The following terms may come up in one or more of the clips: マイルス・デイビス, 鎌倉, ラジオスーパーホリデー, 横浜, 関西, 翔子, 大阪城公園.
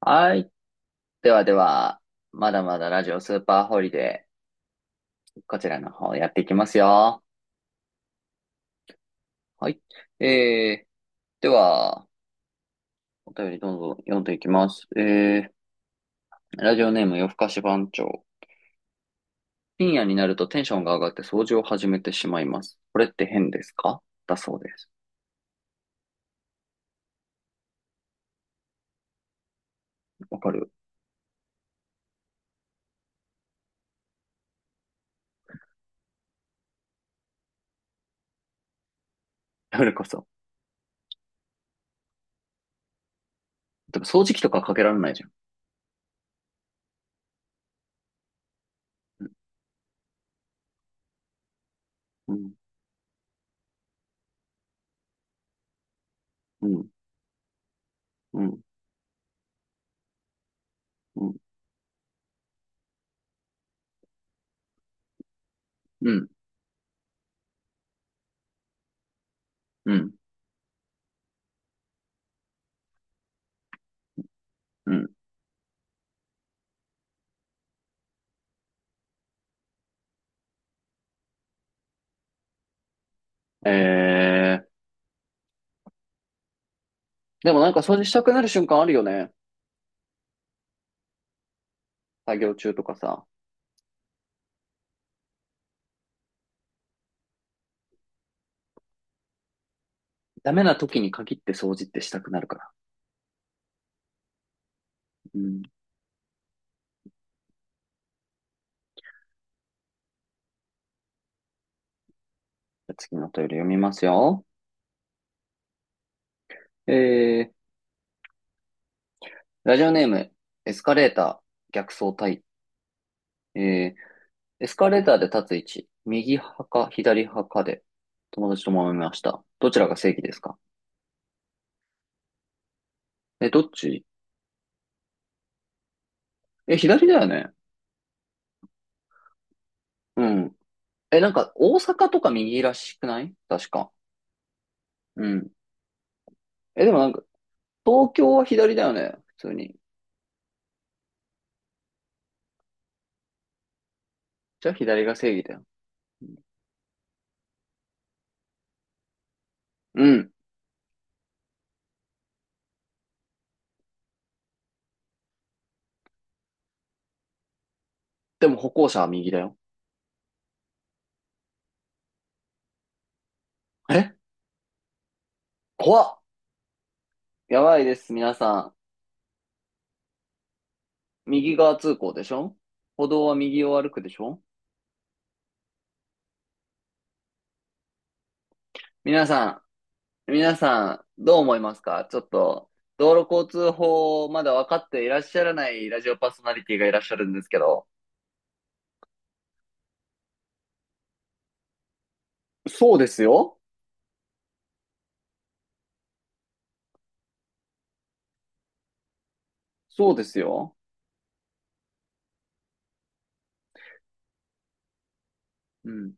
はい。ではでは、まだまだラジオスーパーホリデー、こちらの方やっていきますよ。はい。えー、では、お便りどんどん読んでいきます。ラジオネーム夜更かし番長。深夜になるとテンションが上がって掃除を始めてしまいます。これって変ですか、だそうです。わかる。それこそ。でも掃除機とかかけられないじゃん。うん、うん、うん、うん、うん、うん、うん。えでもなんか掃除したくなる瞬間あるよね。作業中とかさ。ダメな時に限って掃除ってしたくなるから。うん。じゃあ次のトイレ読みますよ。えー、ラジオネーム、エスカレーター、逆走隊。えー、エスカレーターで立つ位置、右派か左派かで、友達と揉めました。どちらが正義ですか？え、どっち。え、左だよね。うん。え、なんか、大阪とか右らしくない、確か。うん。え、でもなんか、東京は左だよね。普通に。じゃあ左が正義だよ。うん。でも歩行者は右だよ。え、怖っ。やばいです、皆さん。右側通行でしょ。歩道は右を歩くでしょ。皆さん、皆さん、どう思いますか、ちょっと、道路交通法をまだ分かっていらっしゃらないラジオパーソナリティがいらっしゃるんですけど。そうですよ。そうですよ。うん。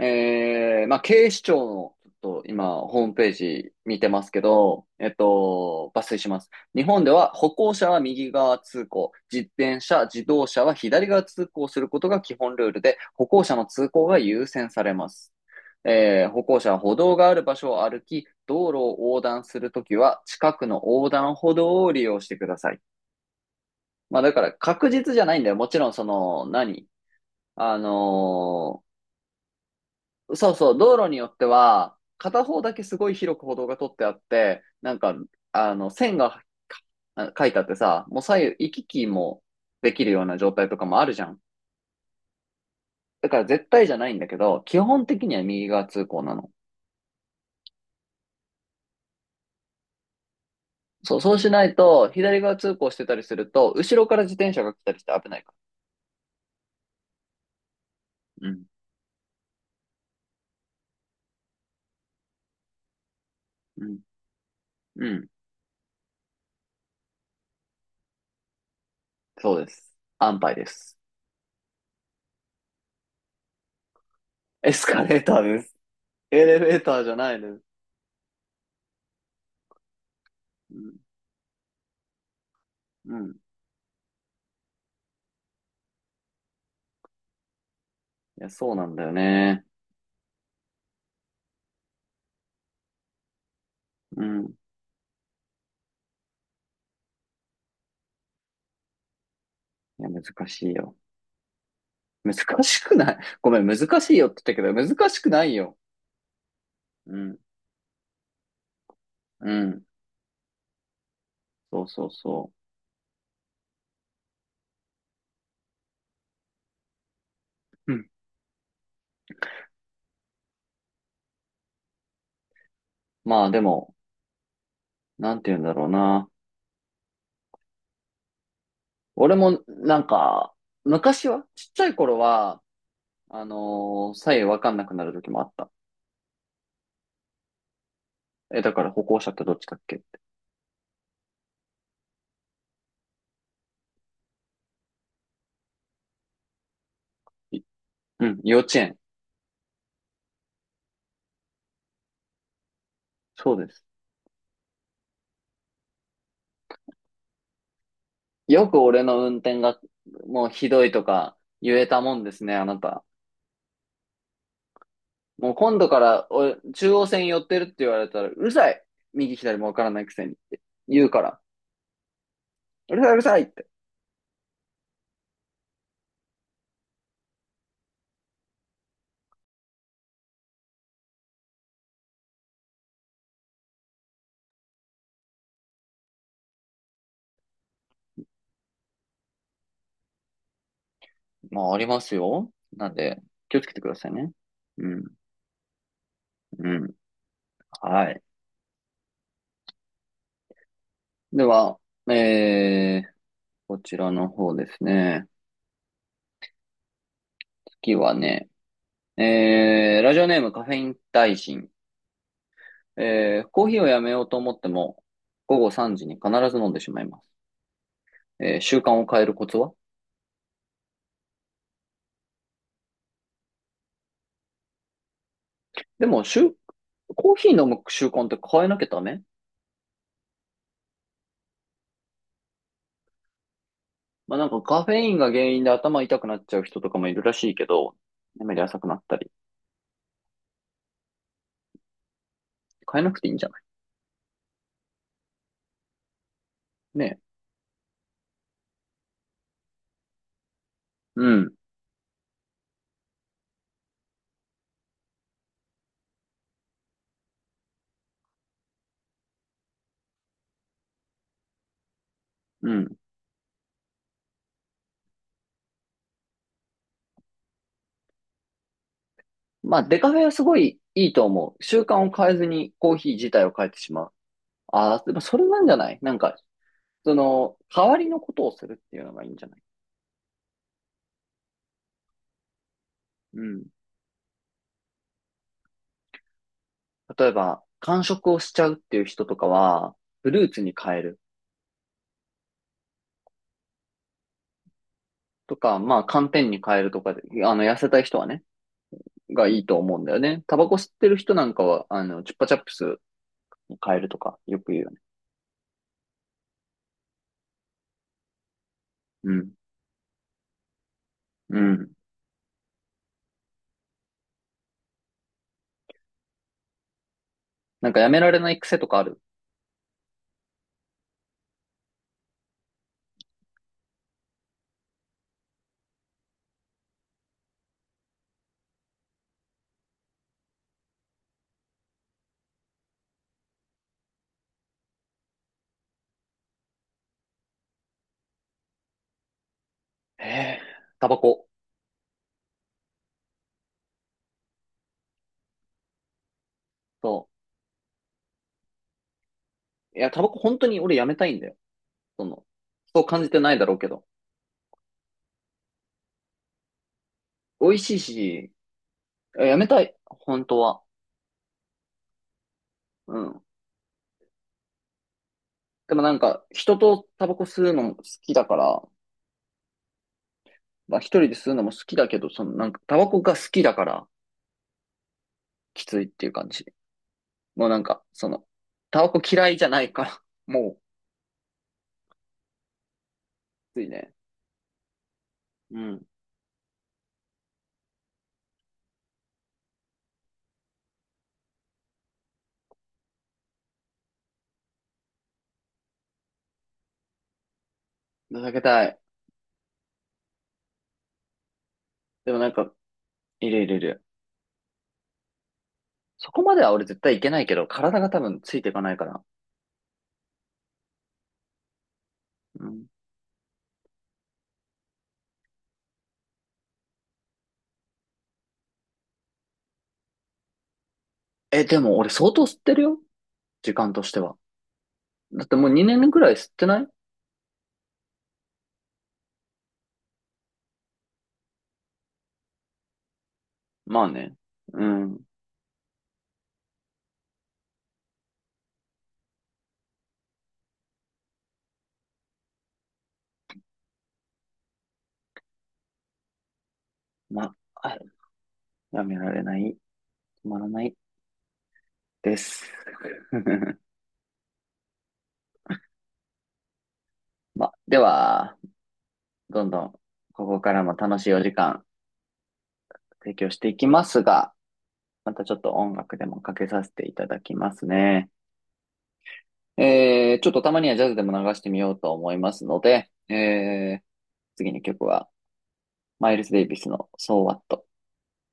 まあ、警視庁の、ちょっと今、ホームページ見てますけど、えっと、抜粋します。日本では歩行者は右側通行、自転車、自動車は左側通行することが基本ルールで、歩行者の通行が優先されます。歩行者は歩道がある場所を歩き、道路を横断するときは、近くの横断歩道を利用してください。まあ、だから確実じゃないんだよ。もちろん、その、何、あのーそうそう、道路によっては、片方だけすごい広く歩道が取ってあって、なんか、あの、線が、あ、書いてあってさ、もう左右行き来もできるような状態とかもあるじゃん。だから絶対じゃないんだけど、基本的には右側通行なの。そう、そうしないと、左側通行してたりすると、後ろから自転車が来たりして危ないから。うん、うん、うん、そうです。安牌です。エスカレーターです。エレベーターじゃないです。うん、うん。いや、そうなんだよね。うん。いや、難しいよ。難しくない、ごめん、難しいよって言ったけど、難しくないよ。うん、うん。そうそうそう。うん。まあでも、なんて言うんだろうな。俺も、なんか、昔は、ちっちゃい頃は、左右わかんなくなる時もあった。え、だから歩行者ってどっちだっけって。い、うん、幼稚園。そうです。よく俺の運転が、もうひどいとか、言えたもんですね、あなた。もう今度から俺、中央線寄ってるって言われたら、うるさい。右左もわからないくせにって言うから、うるさいうるさいって。まあ、ありますよ。なんで、気をつけてくださいね。うん、うん、はい。では、えー、こちらの方ですね。次はね、ラジオネームカフェイン大臣。コーヒーをやめようと思っても、午後3時に必ず飲んでしまいます。習慣を変えるコツは。でも、しゅ、コーヒー飲む習慣って変えなきゃダメ？まあなんかカフェインが原因で頭痛くなっちゃう人とかもいるらしいけど、眠り浅くなったり。変えなくていいんじゃない？ね。うん。うん。まあデカフェはすごいいいと思う。習慣を変えずにコーヒー自体を変えてしまう。ああ、でもそれなんじゃない、なんか、その、代わりのことをするっていうのがいいんじゃない？うん。例えば、間食をしちゃうっていう人とかは、フルーツに変えるとか、まあ寒天に変えるとかで、あの、痩せたい人はね、がいいと思うんだよね。タバコ吸ってる人なんかは、あの、チュッパチャップス変えるとか、よく言うよね。うん。うん。なんかやめられない癖とかある？えー、タバコ。そう。いや、タバコ本当に俺やめたいんだよ。その、そう感じてないだろうけど。美味しいし、いや、やめたい。本当は。うん。でもなんか、人とタバコ吸うのも好きだから、まあ一人で吸うのも好きだけど、そのなんか、タバコが好きだから、きついっていう感じ。もうなんか、その、タバコ嫌いじゃないから、もう、きついね。うん。情けたい。でもなんか、いるいるいる。そこまでは俺絶対いけないけど、体が多分ついていかないから。うん。え、でも俺相当吸ってるよ。時間としては。だってもう2年ぐらい吸ってない。まあね。うん。まあ、あ、やめられない。止まらない。です。まあ、では、どんどん、ここからも楽しいお時間提供していきますが、またちょっと音楽でもかけさせていただきますね。ちょっとたまにはジャズでも流してみようと思いますので、次に曲は、マイルス・デイビスの So What